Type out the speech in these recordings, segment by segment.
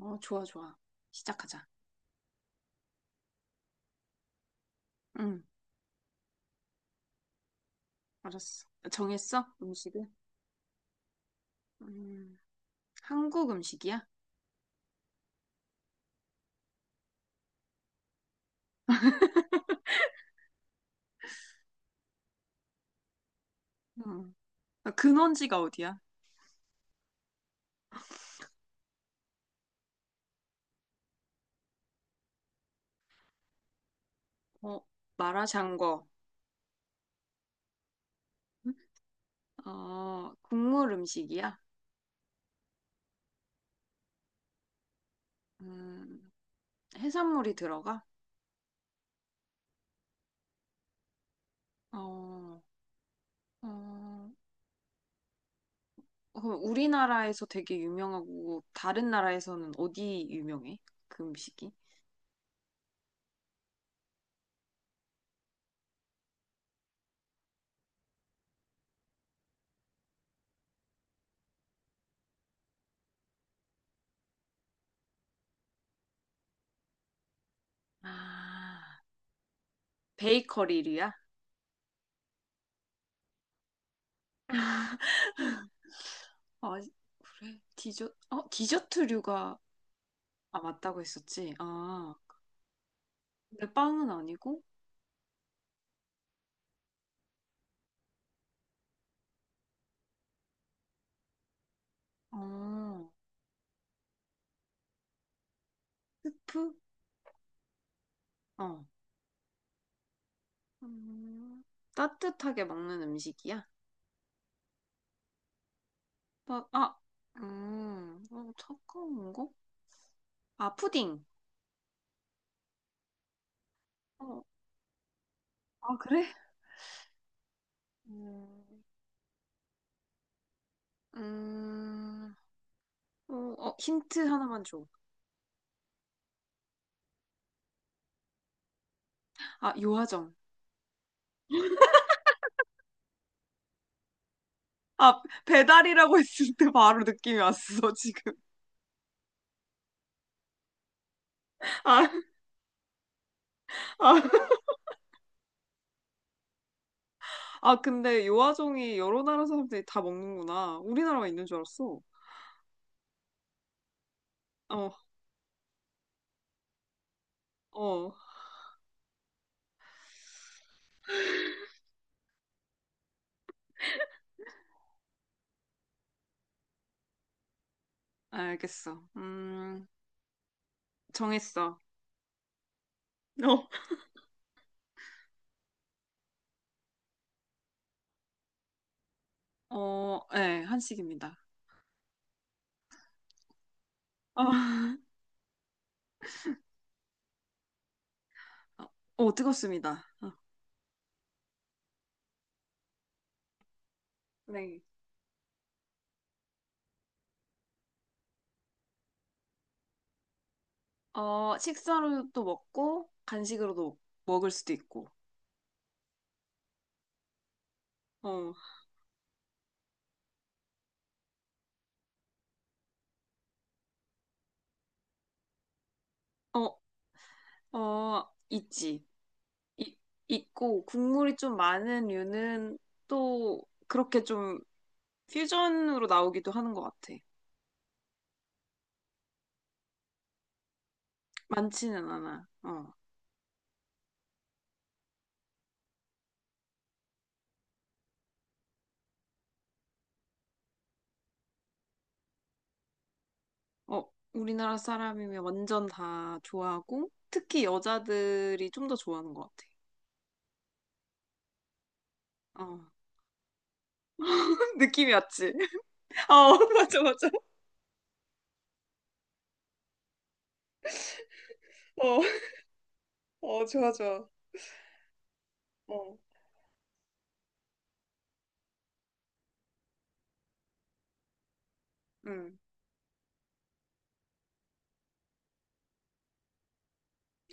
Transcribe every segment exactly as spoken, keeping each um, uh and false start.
어, 좋아, 좋아. 시작하자. 응, 알았어. 정했어? 음식을? 음, 한국 음식이야? 응. 근원지가 어디야? 어, 마라샹궈. 응? 어, 국물 음식이야? 음, 해산물이 들어가? 어, 어, 그럼 우리나라에서 되게 유명하고 다른 나라에서는 어디 유명해? 그 음식이? 아, 베이커리류야? 아, 그래. 디저, 어, 디저트류가 아, 맞다고 했었지? 아, 근데 빵은 아니고? 어, 스프? 어. 음, 따뜻하게 먹는 음식이야? 막, 아, 음, 어, 차가운 거? 아, 푸딩. 어, 아, 그래? 음, 음, 어, 어, 힌트 하나만 줘. 아, 요아정. 아, 배달이라고 했을 때 바로 느낌이 왔어, 지금. 아, 아, 아, 근데 요아정이 여러 나라 사람들이 다 먹는구나. 우리나라만 있는 줄 알았어. 어, 어. 알겠어. 음, 정했어. 어, 어, 네, 한식입니다. 어, 어, 뜨겁습니다. 어, 네. 어, 식사로도 먹고, 간식으로도 먹을 수도 있고. 어, 어, 어, 있지. 이, 있고, 국물이 좀 많은 류는 또 그렇게 좀 퓨전으로 나오기도 하는 것 같아. 많지는 않아. 어. 어, 우리나라 사람이면 완전 다 좋아하고, 특히 여자들이 좀 더 좋아하는 것 같아. 어, 느낌이 왔지? 어, 맞아, 맞아. 어, 어, 좋아, 좋아. 어, 음,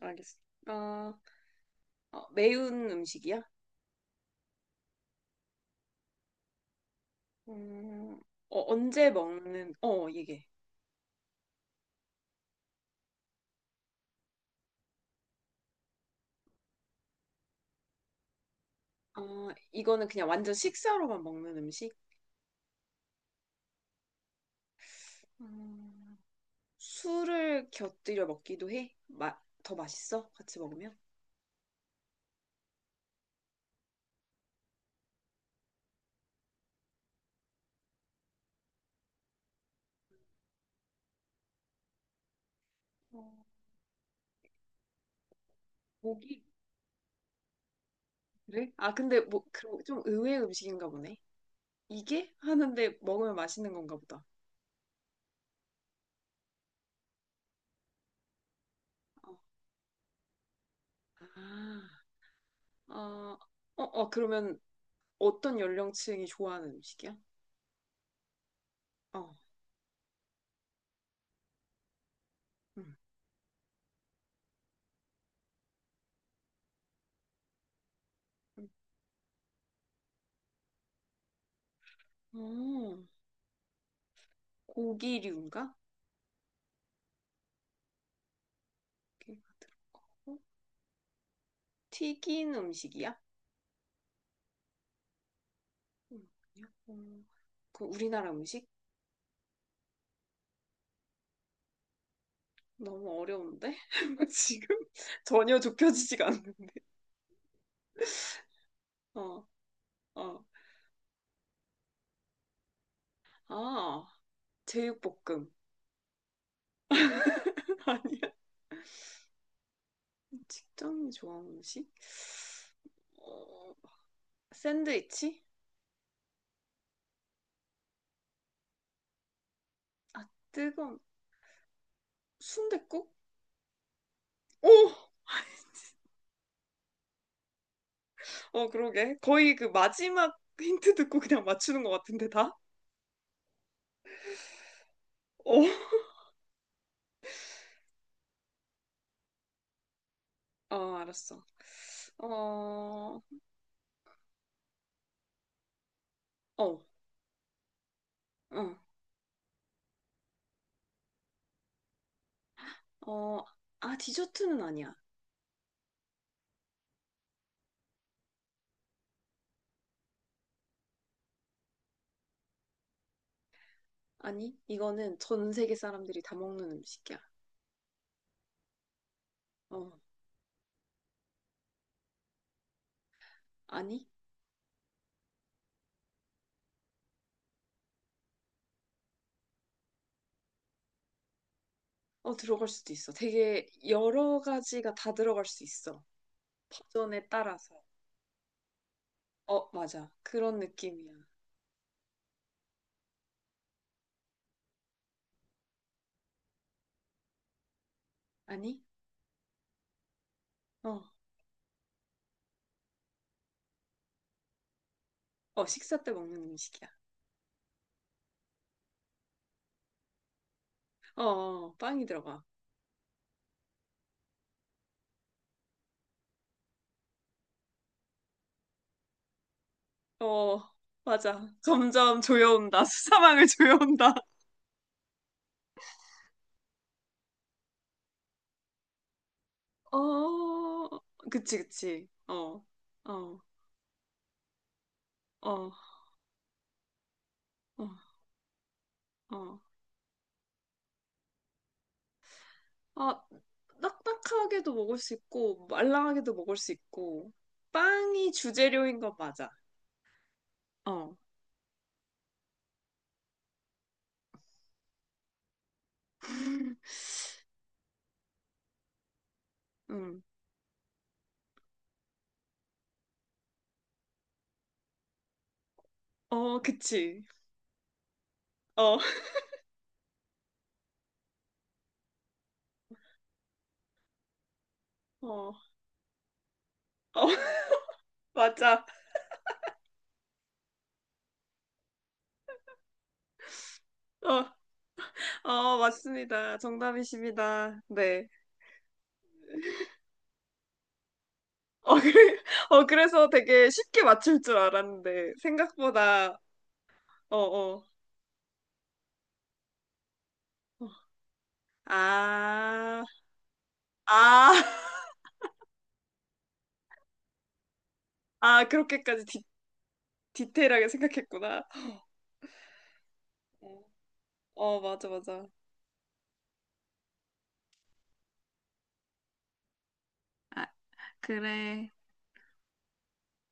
알겠어. 어, 어, 매운 음식이야? 음, 어, 언제 먹는, 어, 이게. 어, 이거는 그냥 완전 식사로만 먹는 음식? 음, 술을 곁들여 먹기도 해? 마, 더 맛있어? 같이 먹으면? 어, 고기 그래? 아, 근데 뭐, 그럼 좀 의외의 음식인가 보네. 이게? 하는데 먹으면 맛있는 건가 보다. 어, 아, 어, 어, 어, 그러면 어떤 연령층이 좋아하는 음식이야? 어, 음. 음. 어, 고기류인가? 고기가 들어가고. 튀긴 음식이야? 음, 음. 그 우리나라 음식? 너무 어려운데? 지금 전혀 좁혀지지가 않는데. 어, 어. 아, 제육볶음. 아니야. 직장인이 좋아하는 음식? 어, 샌드위치? 아, 뜨거운 순댓국? 오! 어, 그러게. 거의 그 마지막 힌트 듣고 그냥 맞추는 것 같은데, 다? 어, 어, 알았어. 어, 어, 응. 어, 아, 디저트는 아니야. 아니, 이거는 전 세계 사람들이 다 먹는 음식이야. 어, 아니? 어, 들어갈 수도 있어. 되게 여러 가지가 다 들어갈 수 있어. 버전에 따라서. 어, 맞아. 그런 느낌이야. 아니? 어, 어, 식사 때 먹는 음식이야. 어, 어, 빵이 들어가. 어, 맞아. 점점 조여온다. 수사망을 조여온다. 어, 그치, 그치. 어, 어, 어, 어, 어. 아, 딱딱하게도 먹을 수 있고, 말랑하게도 먹을 수 있고, 빵이 주재료인 건 맞아. 어, 음, 어, 그치. 어, 어, 어, 맞아. 어 어, 맞습니다. 정답이십니다. 네. 어, 그래, 어, 그래서 되게 쉽게 맞출 줄 알았는데, 생각보다, 어, 어. 어. 아, 아, 아, 그렇게까지 디, 디테일하게 생각했구나. 어, 어, 맞아, 맞아. 아, 그래.